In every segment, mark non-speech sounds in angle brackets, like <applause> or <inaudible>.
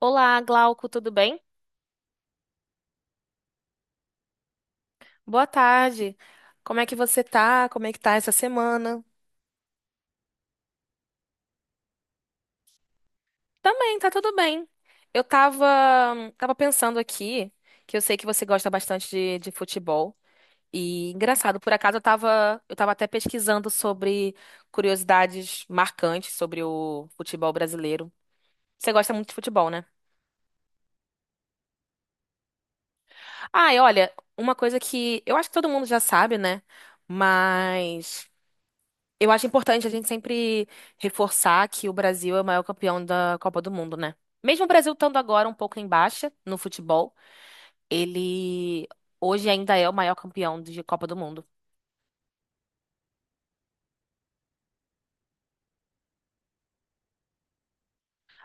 Olá, Glauco, tudo bem? Boa tarde. Como é que você tá? Como é que tá essa semana? Também, tá tudo bem. Eu tava, tava pensando aqui, que eu sei que você gosta bastante de futebol. E engraçado, por acaso eu tava até pesquisando sobre curiosidades marcantes sobre o futebol brasileiro. Você gosta muito de futebol, né? Ah, e olha, uma coisa que eu acho que todo mundo já sabe, né? Mas. Eu acho importante a gente sempre reforçar que o Brasil é o maior campeão da Copa do Mundo, né? Mesmo o Brasil estando agora um pouco em baixa no futebol, ele hoje ainda é o maior campeão de Copa do Mundo.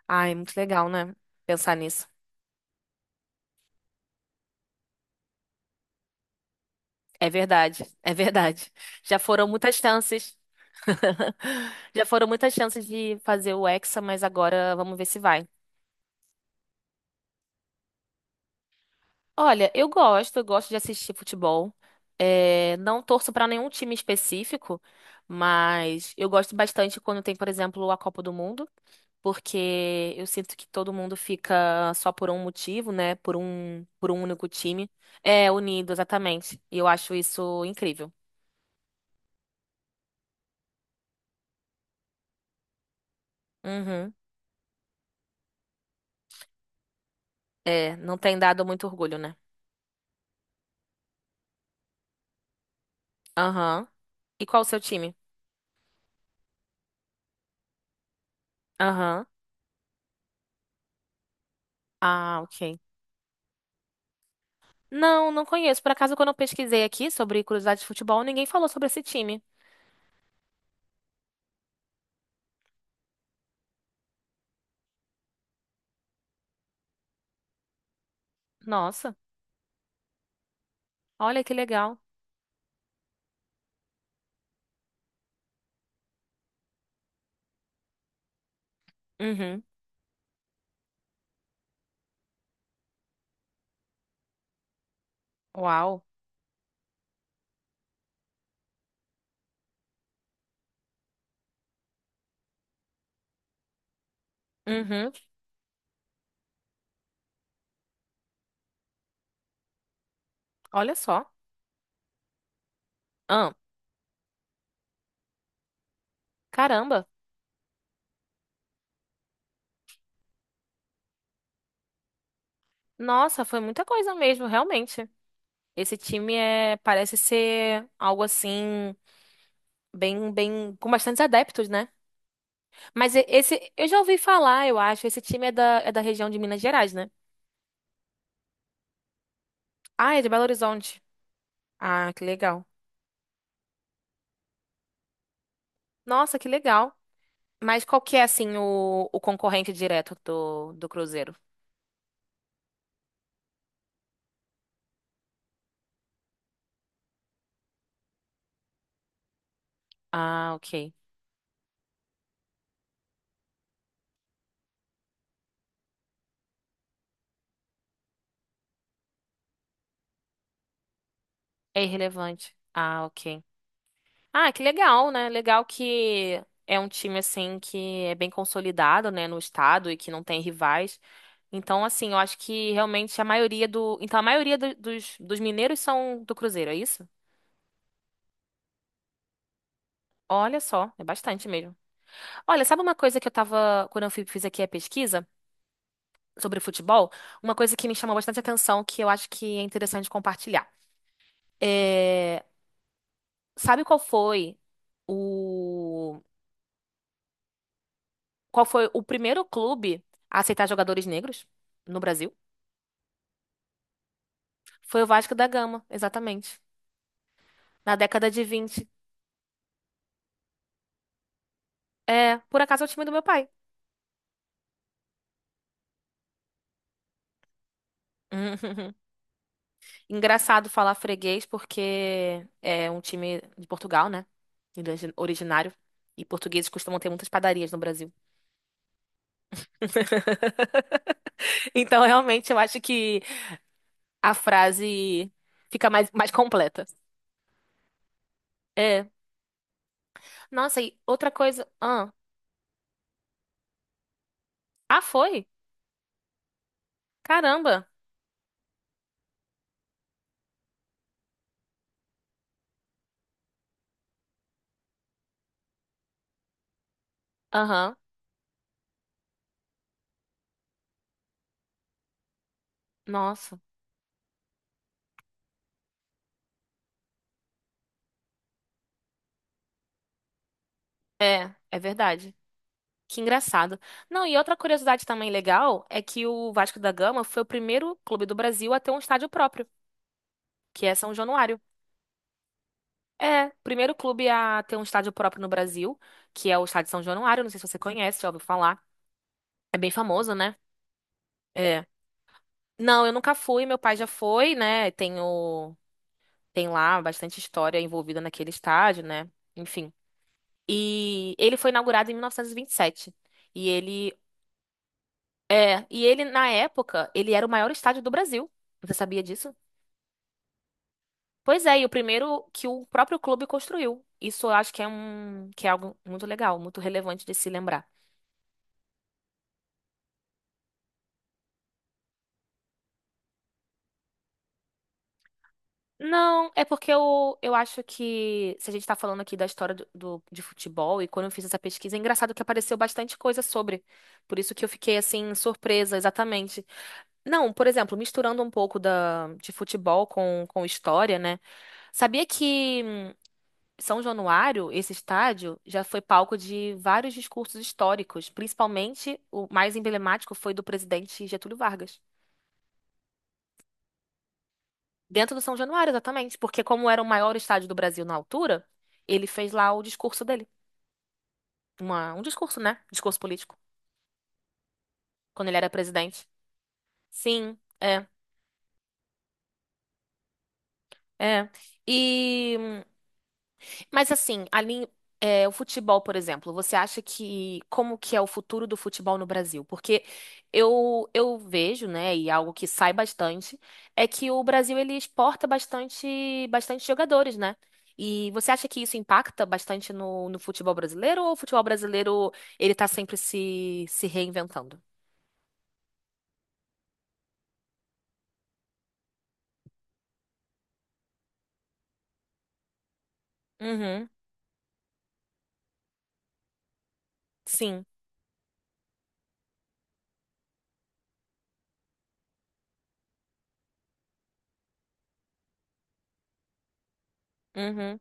Ai, muito legal, né? Pensar nisso. É verdade, é verdade. Já foram muitas chances. <laughs> Já foram muitas chances de fazer o Hexa, mas agora vamos ver se vai. Olha, eu gosto de assistir futebol. É, não torço pra nenhum time específico, mas eu gosto bastante quando tem, por exemplo, a Copa do Mundo, porque eu sinto que todo mundo fica só por um motivo, né? Por um único time. É, unido, exatamente. E eu acho isso incrível. Uhum. É, não tem dado muito orgulho, né? Aham. E qual o seu time? Aham. Ah, ok. Não, não conheço. Por acaso, quando eu pesquisei aqui sobre curiosidades de futebol, ninguém falou sobre esse time. Nossa, olha que legal. Uhum. Uau. Uhum. Olha só. Ah, caramba. Nossa, foi muita coisa mesmo, realmente. Esse time é parece ser algo assim bem bem com bastantes adeptos, né? Mas esse eu já ouvi falar, eu acho, esse time é da região de Minas Gerais, né? Ah, é de Belo Horizonte. Ah, que legal. Nossa, que legal. Mas qual que é assim o concorrente direto do Cruzeiro? Ah, ok. É irrelevante. Ah, ok. Ah, que legal, né? Legal que é um time assim que é bem consolidado, né, no estado e que não tem rivais. Então, assim, eu acho que realmente então a maioria dos mineiros são do Cruzeiro, é isso? Olha só, é bastante mesmo. Olha, sabe uma coisa que eu tava, quando eu fiz aqui a pesquisa sobre futebol, uma coisa que me chamou bastante atenção que eu acho que é interessante compartilhar. É, sabe o qual foi o primeiro clube a aceitar jogadores negros no Brasil? Foi o Vasco da Gama, exatamente. Na década de 20, é, por acaso é o time do meu pai. <laughs> Engraçado falar freguês, porque é um time de Portugal, né? Originário. E portugueses costumam ter muitas padarias no Brasil. <laughs> Então, realmente, eu acho que a frase fica mais completa. É. Nossa, e outra coisa. Ah, foi? Caramba. Aham. Nossa. É, é verdade. Que engraçado. Não, e outra curiosidade também legal é que o Vasco da Gama foi o primeiro clube do Brasil a ter um estádio próprio, que é São Januário. É, primeiro clube a ter um estádio próprio no Brasil, que é o Estádio São Januário. Não sei se você conhece, já ouviu falar. É bem famoso, né? É. Não, eu nunca fui, meu pai já foi, né? Tenho, tem lá bastante história envolvida naquele estádio, né? Enfim. E ele foi inaugurado em 1927. E vinte e sete. E ele É, e ele, na época, ele era o maior estádio do Brasil. Você sabia disso? Pois é, e o primeiro que o próprio clube construiu. Isso eu acho que é um, que é algo muito legal, muito relevante de se lembrar. Não, é porque eu acho que se a gente tá falando aqui da história de futebol, e quando eu fiz essa pesquisa, é engraçado que apareceu bastante coisa sobre. Por isso que eu fiquei assim, surpresa, exatamente. Não, por exemplo, misturando um pouco de futebol com história, né? Sabia que São Januário, esse estádio, já foi palco de vários discursos históricos, principalmente o mais emblemático foi do presidente Getúlio Vargas. Dentro do São Januário, exatamente, porque como era o maior estádio do Brasil na altura, ele fez lá o discurso dele. Um discurso, né? Discurso político, quando ele era presidente. Sim, é. E Mas assim, ali, é, o futebol, por exemplo, você acha que como que é o futuro do futebol no Brasil? Porque eu vejo, né, e é algo que sai bastante, é que o Brasil ele exporta bastante, bastante jogadores, né? E você acha que isso impacta bastante no futebol brasileiro ou o futebol brasileiro ele tá sempre se reinventando? Uhum, sim, uhum,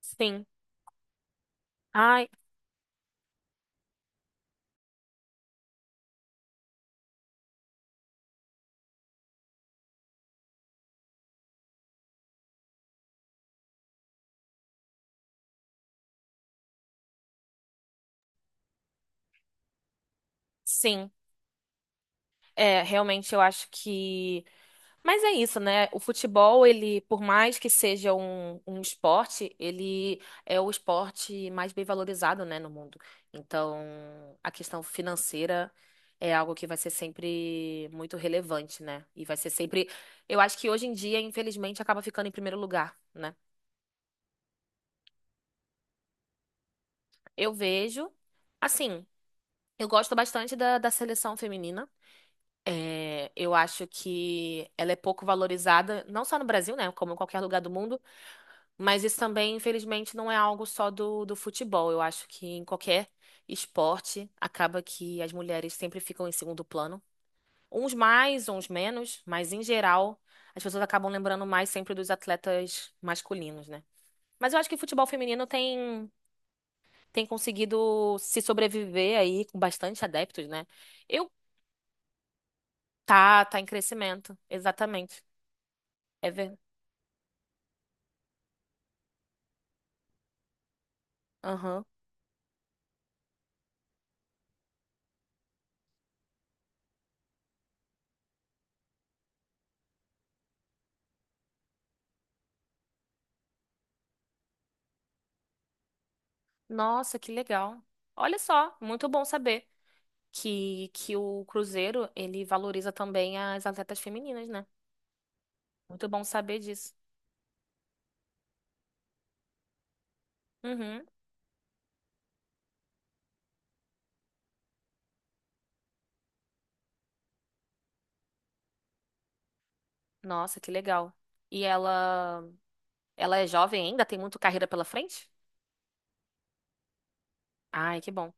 sim. Ai, sim. É, realmente eu acho que Mas é isso, né? O futebol, ele, por mais que seja um esporte, ele é o esporte mais bem valorizado, né, no mundo. Então, a questão financeira é algo que vai ser sempre muito relevante, né? E vai ser sempre. Eu acho que hoje em dia, infelizmente, acaba ficando em primeiro lugar, né? Eu vejo, assim, eu gosto bastante da seleção feminina. É, eu acho que ela é pouco valorizada, não só no Brasil, né? Como em qualquer lugar do mundo. Mas isso também, infelizmente, não é algo só do futebol. Eu acho que em qualquer esporte acaba que as mulheres sempre ficam em segundo plano. Uns mais, uns menos, mas em geral as pessoas acabam lembrando mais sempre dos atletas masculinos, né? Mas eu acho que o futebol feminino tem conseguido se sobreviver aí com bastante adeptos, né? Eu tá, tá em crescimento, exatamente. É ver. Aham. Nossa, que legal. Olha só, muito bom saber. Que o Cruzeiro, ele valoriza também as atletas femininas, né? Muito bom saber disso. Uhum. Nossa, que legal. E ela é jovem ainda? Tem muito carreira pela frente? Ai, que bom.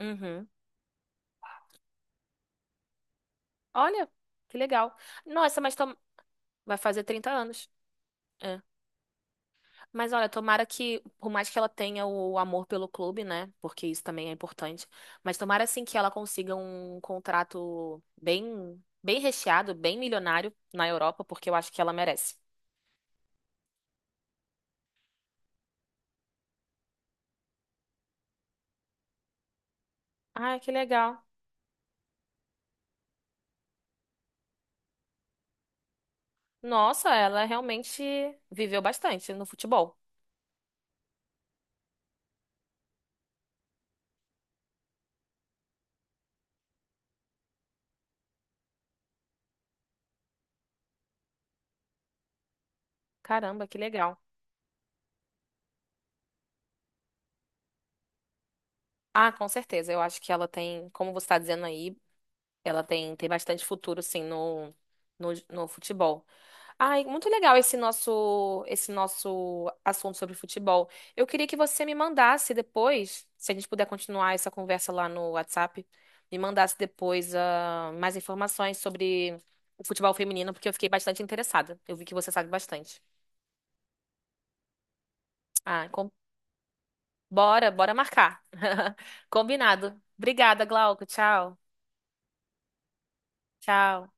Uhum. Olha, que legal. Nossa, mas tom- vai fazer 30 anos. É. Mas olha, tomara que, por mais que ela tenha o amor pelo clube, né? Porque isso também é importante. Mas tomara assim que ela consiga um contrato bem recheado, bem milionário na Europa, porque eu acho que ela merece. Ai, que legal. Nossa, ela realmente viveu bastante no futebol. Caramba, que legal. Ah, com certeza. Eu acho que como você está dizendo aí, tem bastante futuro, sim, no futebol. Ai, muito legal esse nosso assunto sobre futebol. Eu queria que você me mandasse depois, se a gente puder continuar essa conversa lá no WhatsApp, me mandasse depois, ah, mais informações sobre o futebol feminino, porque eu fiquei bastante interessada. Eu vi que você sabe bastante. Ah, bora, bora marcar. <laughs> Combinado. Obrigada, Glauco. Tchau. Tchau.